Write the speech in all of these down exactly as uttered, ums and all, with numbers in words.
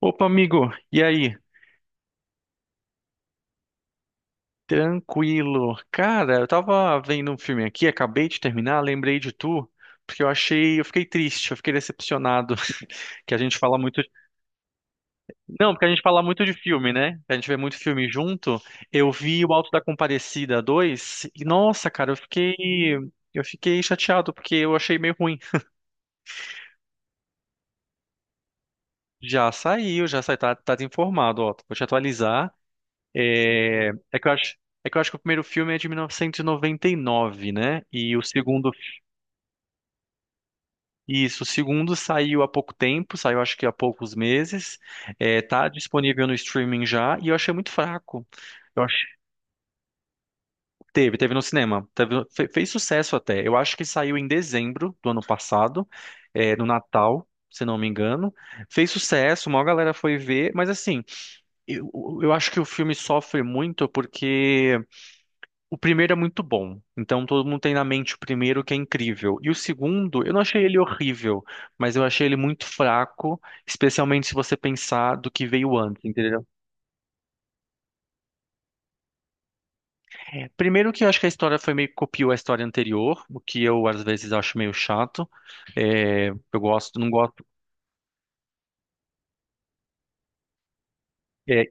Opa, amigo, e aí? Tranquilo. Cara, eu tava vendo um filme aqui, acabei de terminar, lembrei de tu, porque eu achei, eu fiquei triste, eu fiquei decepcionado que a gente fala muito, não, porque a gente fala muito de filme, né? A gente vê muito filme junto. Eu vi o Alto da Compadecida dois e nossa, cara, eu fiquei. Eu fiquei chateado porque eu achei meio ruim. Já saiu, já saiu, tá, tá informado, ó. Vou te atualizar. É, é que eu acho, é que eu acho que o primeiro filme é de mil novecentos e noventa e nove, né? E o segundo, isso, o segundo saiu há pouco tempo, saiu acho que há poucos meses. É, tá disponível no streaming já e eu achei muito fraco. Eu acho, teve, teve no cinema, teve- fe- fez sucesso até. Eu acho que saiu em dezembro do ano passado, é, no Natal. Se não me engano, fez sucesso, uma galera foi ver, mas assim, eu, eu acho que o filme sofre muito porque o primeiro é muito bom, então todo mundo tem na mente o primeiro que é incrível. E o segundo, eu não achei ele horrível, mas eu achei ele muito fraco, especialmente se você pensar do que veio antes, entendeu? Primeiro que eu acho que a história foi meio que copiou a história anterior, o que eu às vezes acho meio chato. É, eu gosto, não gosto. É,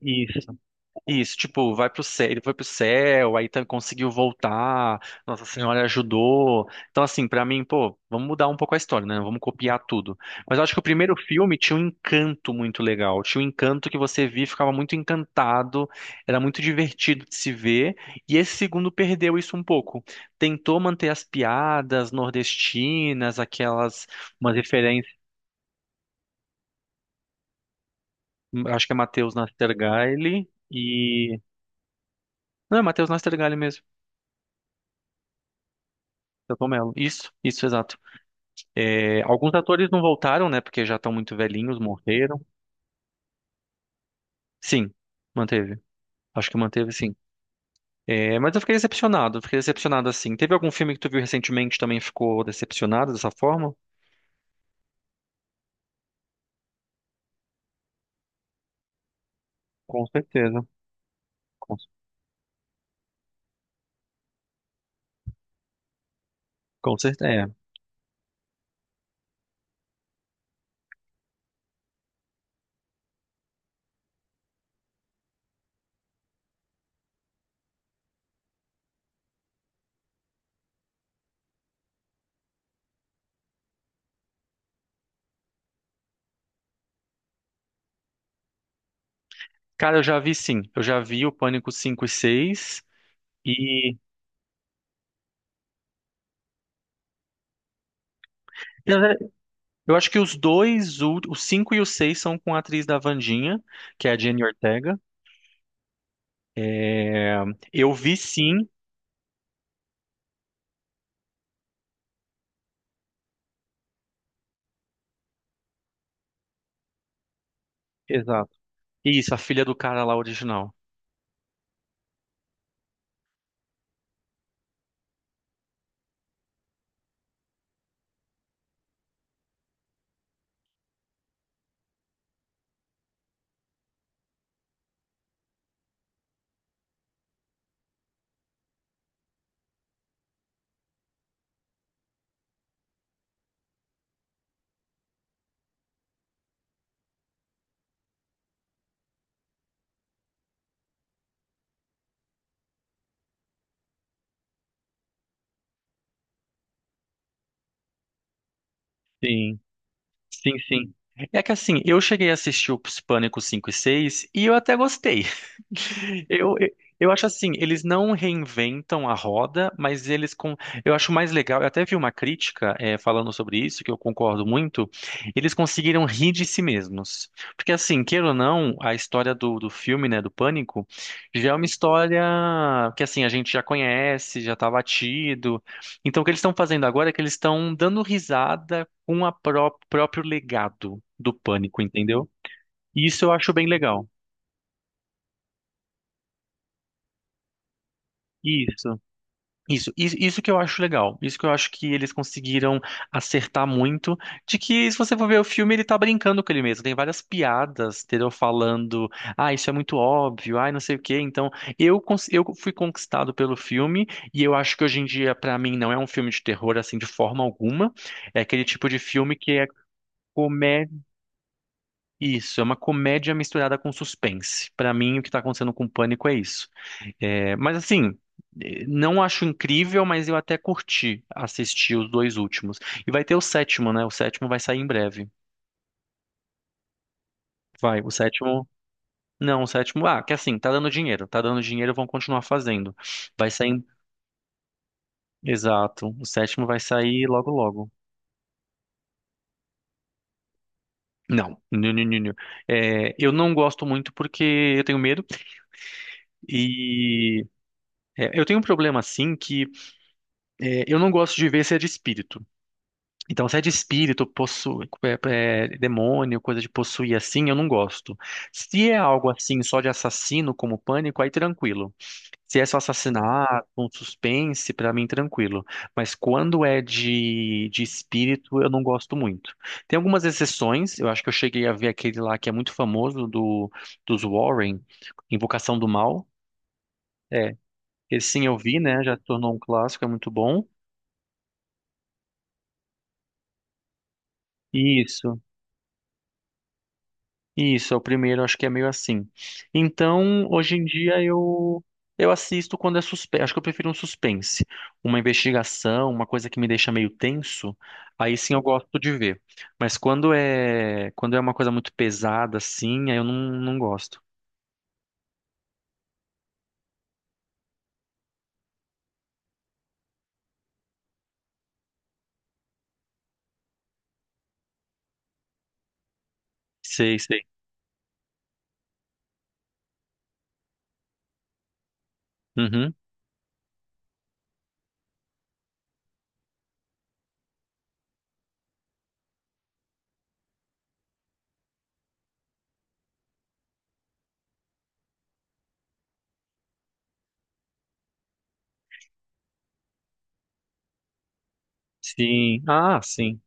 isso, tipo, vai pro céu, ele foi pro céu, aí tá- conseguiu voltar, Nossa Senhora ajudou. Então, assim, pra mim, pô, vamos mudar um pouco a história, né? Vamos copiar tudo. Mas eu acho que o primeiro filme tinha um encanto muito legal, tinha um encanto que você via, e ficava muito encantado, era muito divertido de se ver, e esse segundo perdeu isso um pouco. Tentou manter as piadas nordestinas, aquelas, umas referências, acho que é Matheus Nastergaile e... Não, é Matheus Nastergaile mesmo. Selton Mello. Isso, isso, exato. É, alguns atores não voltaram, né? Porque já estão muito velhinhos, morreram. Sim, manteve. Acho que manteve, sim. É, mas eu fiquei decepcionado, fiquei decepcionado assim. Teve algum filme que tu viu recentemente que também ficou decepcionado dessa forma? Com certeza. Com, com certeza. É. Cara, eu já vi sim. Eu já vi o Pânico cinco e seis. E, na verdade, eu acho que os dois, ú- o cinco e o seis são com a atriz da Vandinha, que é a Jenny Ortega. É, eu vi sim. Exato. Isso, a filha do cara lá original. Sim. Sim, sim. É que assim, eu cheguei a assistir os Pânico cinco e seis e eu até gostei. Eu, eu eu acho assim, eles não reinventam a roda, mas eles com. Eu acho mais legal, eu até vi uma crítica eh, falando sobre isso, que eu concordo muito, eles conseguiram rir de si mesmos. Porque assim, queira ou não, a história do, do filme, né, do Pânico, já é uma história que assim, a gente já conhece, já tá batido. Então o que eles estão fazendo agora é que eles estão dando risada com a pró- próprio legado do Pânico, entendeu? E isso eu acho bem legal. Isso. Isso, isso, isso que eu acho legal. Isso que eu acho que eles conseguiram acertar muito. De que, se você for ver o filme, ele tá brincando com ele mesmo. Tem várias piadas, entendeu? Falando, ah, isso é muito óbvio, ah, não sei o quê. Então, eu, cons- eu fui conquistado pelo filme. E eu acho que hoje em dia, pra mim, não é um filme de terror, assim, de forma alguma. É aquele tipo de filme que é comédia. Isso, é uma comédia misturada com suspense. Pra mim, o que tá acontecendo com o Pânico é isso. É, mas assim, eh, não acho incrível, mas eu até curti assistir os dois últimos. E vai ter o sétimo, né? O sétimo vai sair em breve. Vai, o sétimo. Não, o sétimo. Ah, que assim, tá dando dinheiro. Tá dando dinheiro, vão continuar fazendo. Vai sair em- exato. O sétimo vai sair logo, logo. Não, não, não, não, não. É, eu não gosto muito porque eu tenho medo e é, eu tenho um problema assim que é, eu não gosto de ver se é de espírito. Então, se é de espírito, possu- é, é, demônio, coisa de possuir assim, eu não gosto. Se é algo assim, só de assassino, como Pânico, aí tranquilo. Se é só assassinato, um suspense, pra mim tranquilo. Mas quando é de, de espírito, eu não gosto muito. Tem algumas exceções, eu acho que eu cheguei a ver aquele lá que é muito famoso do, dos Warren, Invocação do Mal. É, esse sim eu vi, né? Já tornou um clássico, é muito bom. Isso. Isso, é o primeiro, acho que é meio assim. Então, hoje em dia eu eu assisto quando é suspense. Acho que eu prefiro um suspense, uma investigação, uma coisa que me deixa meio tenso. Aí sim eu gosto de ver. Mas quando é quando é uma coisa muito pesada assim, aí eu não, não gosto. Sei, sei. Uhum. Sim. Ah, sim.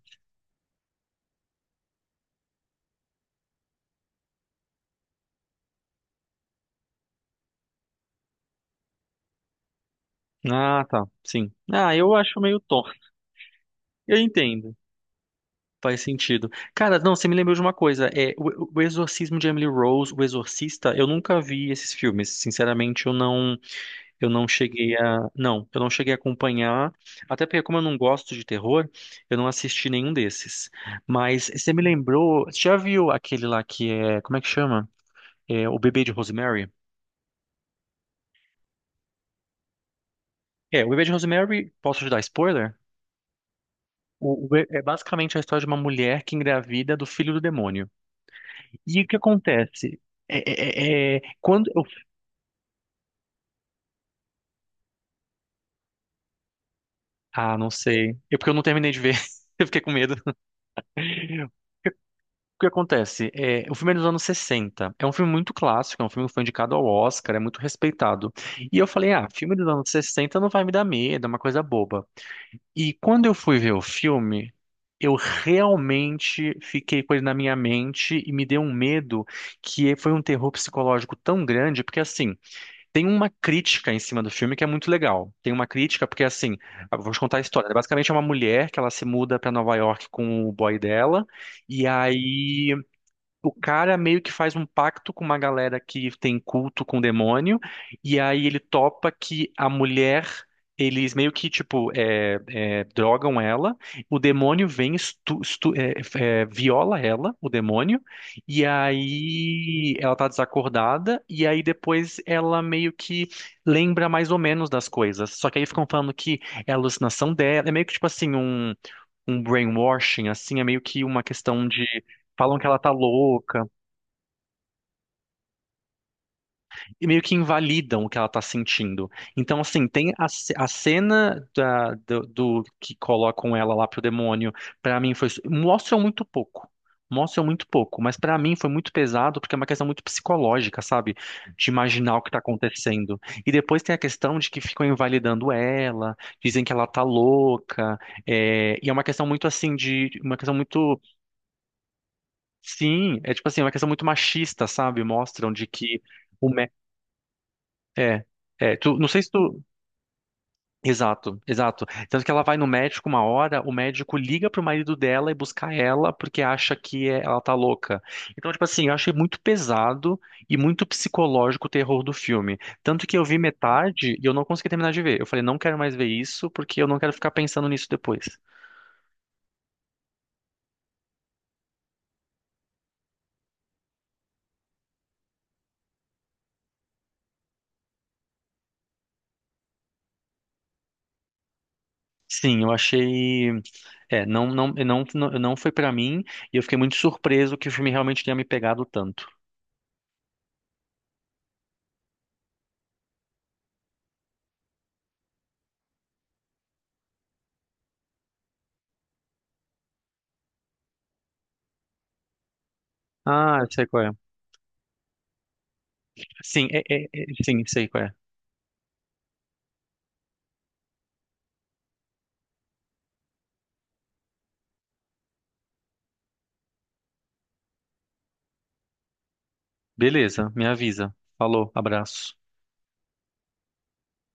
Ah, tá. Sim. Ah, eu acho meio tonto. Eu entendo. Faz sentido. Cara, não, você me lembrou de uma coisa. É, o, o Exorcismo de Emily Rose, O Exorcista, eu nunca vi esses filmes. Sinceramente, eu não, eu não cheguei a, não, eu não cheguei a acompanhar. Até porque como eu não gosto de terror, eu não assisti nenhum desses. Mas você me lembrou, você já viu aquele lá que é, como é que chama? É, O Bebê de Rosemary? É, O Bebê de Rosemary, posso te dar spoiler? O- o- é basicamente a história de uma mulher que engravida do filho do demônio. E o que acontece? É, é, é, é, quando... ah, não sei. Eu porque eu não terminei de ver. Eu fiquei com medo. O que acontece? É, o filme é dos anos sessenta. É um filme muito clássico, é um filme que foi indicado ao Oscar, é muito respeitado. E eu falei, ah, filme dos anos sessenta não vai me dar medo, é uma coisa boba. E quando eu fui ver o filme, eu realmente fiquei com ele na minha mente e me deu um medo que foi um terror psicológico tão grande, porque assim, tem uma crítica em cima do filme que é muito legal. Tem uma crítica porque, assim, vamos contar a história, né? Basicamente é uma mulher que ela se muda para Nova York com o boy dela, e aí o cara meio que faz um pacto com uma galera que tem culto com o demônio, e aí ele topa que a mulher, eles meio que, tipo, é, é, drogam ela, o demônio vem, estu, estu- é, é, viola ela, o demônio, e aí ela tá desacordada, e aí depois ela meio que lembra mais ou menos das coisas. Só que aí ficam falando que é alucinação dela, é meio que, tipo assim, um, um brainwashing, assim, é meio que uma questão de. Falam que ela tá louca e meio que invalidam o que ela tá sentindo. Então, assim, tem a, ce- a cena da- do, do que colocam ela lá pro demônio, pra mim foi. Mostram muito pouco. Mostram muito pouco, mas pra mim foi muito pesado porque é uma questão muito psicológica, sabe? De imaginar o que tá acontecendo. E depois tem a questão de que ficam invalidando ela, dizem que ela tá louca, é, e é uma questão muito assim de, uma questão muito... sim, é tipo assim, é uma questão muito machista, sabe? Mostram de que o mé... é, é, tu, não sei se tu... exato, exato. Tanto que ela vai no médico uma hora, o médico liga pro marido dela e busca ela porque acha que é- ela tá louca. Então, tipo assim, eu achei muito pesado e muito psicológico o terror do filme. Tanto que eu vi metade e eu não consegui terminar de ver. Eu falei, não quero mais ver isso porque eu não quero ficar pensando nisso depois. Sim, eu achei. É, não, não, não, não, não foi pra mim e eu fiquei muito surpreso que o filme realmente tenha me pegado tanto. Ah, eu sei qual é. Sim, é, é, é, sim, sei qual é. Beleza, me avisa. Falou, abraço.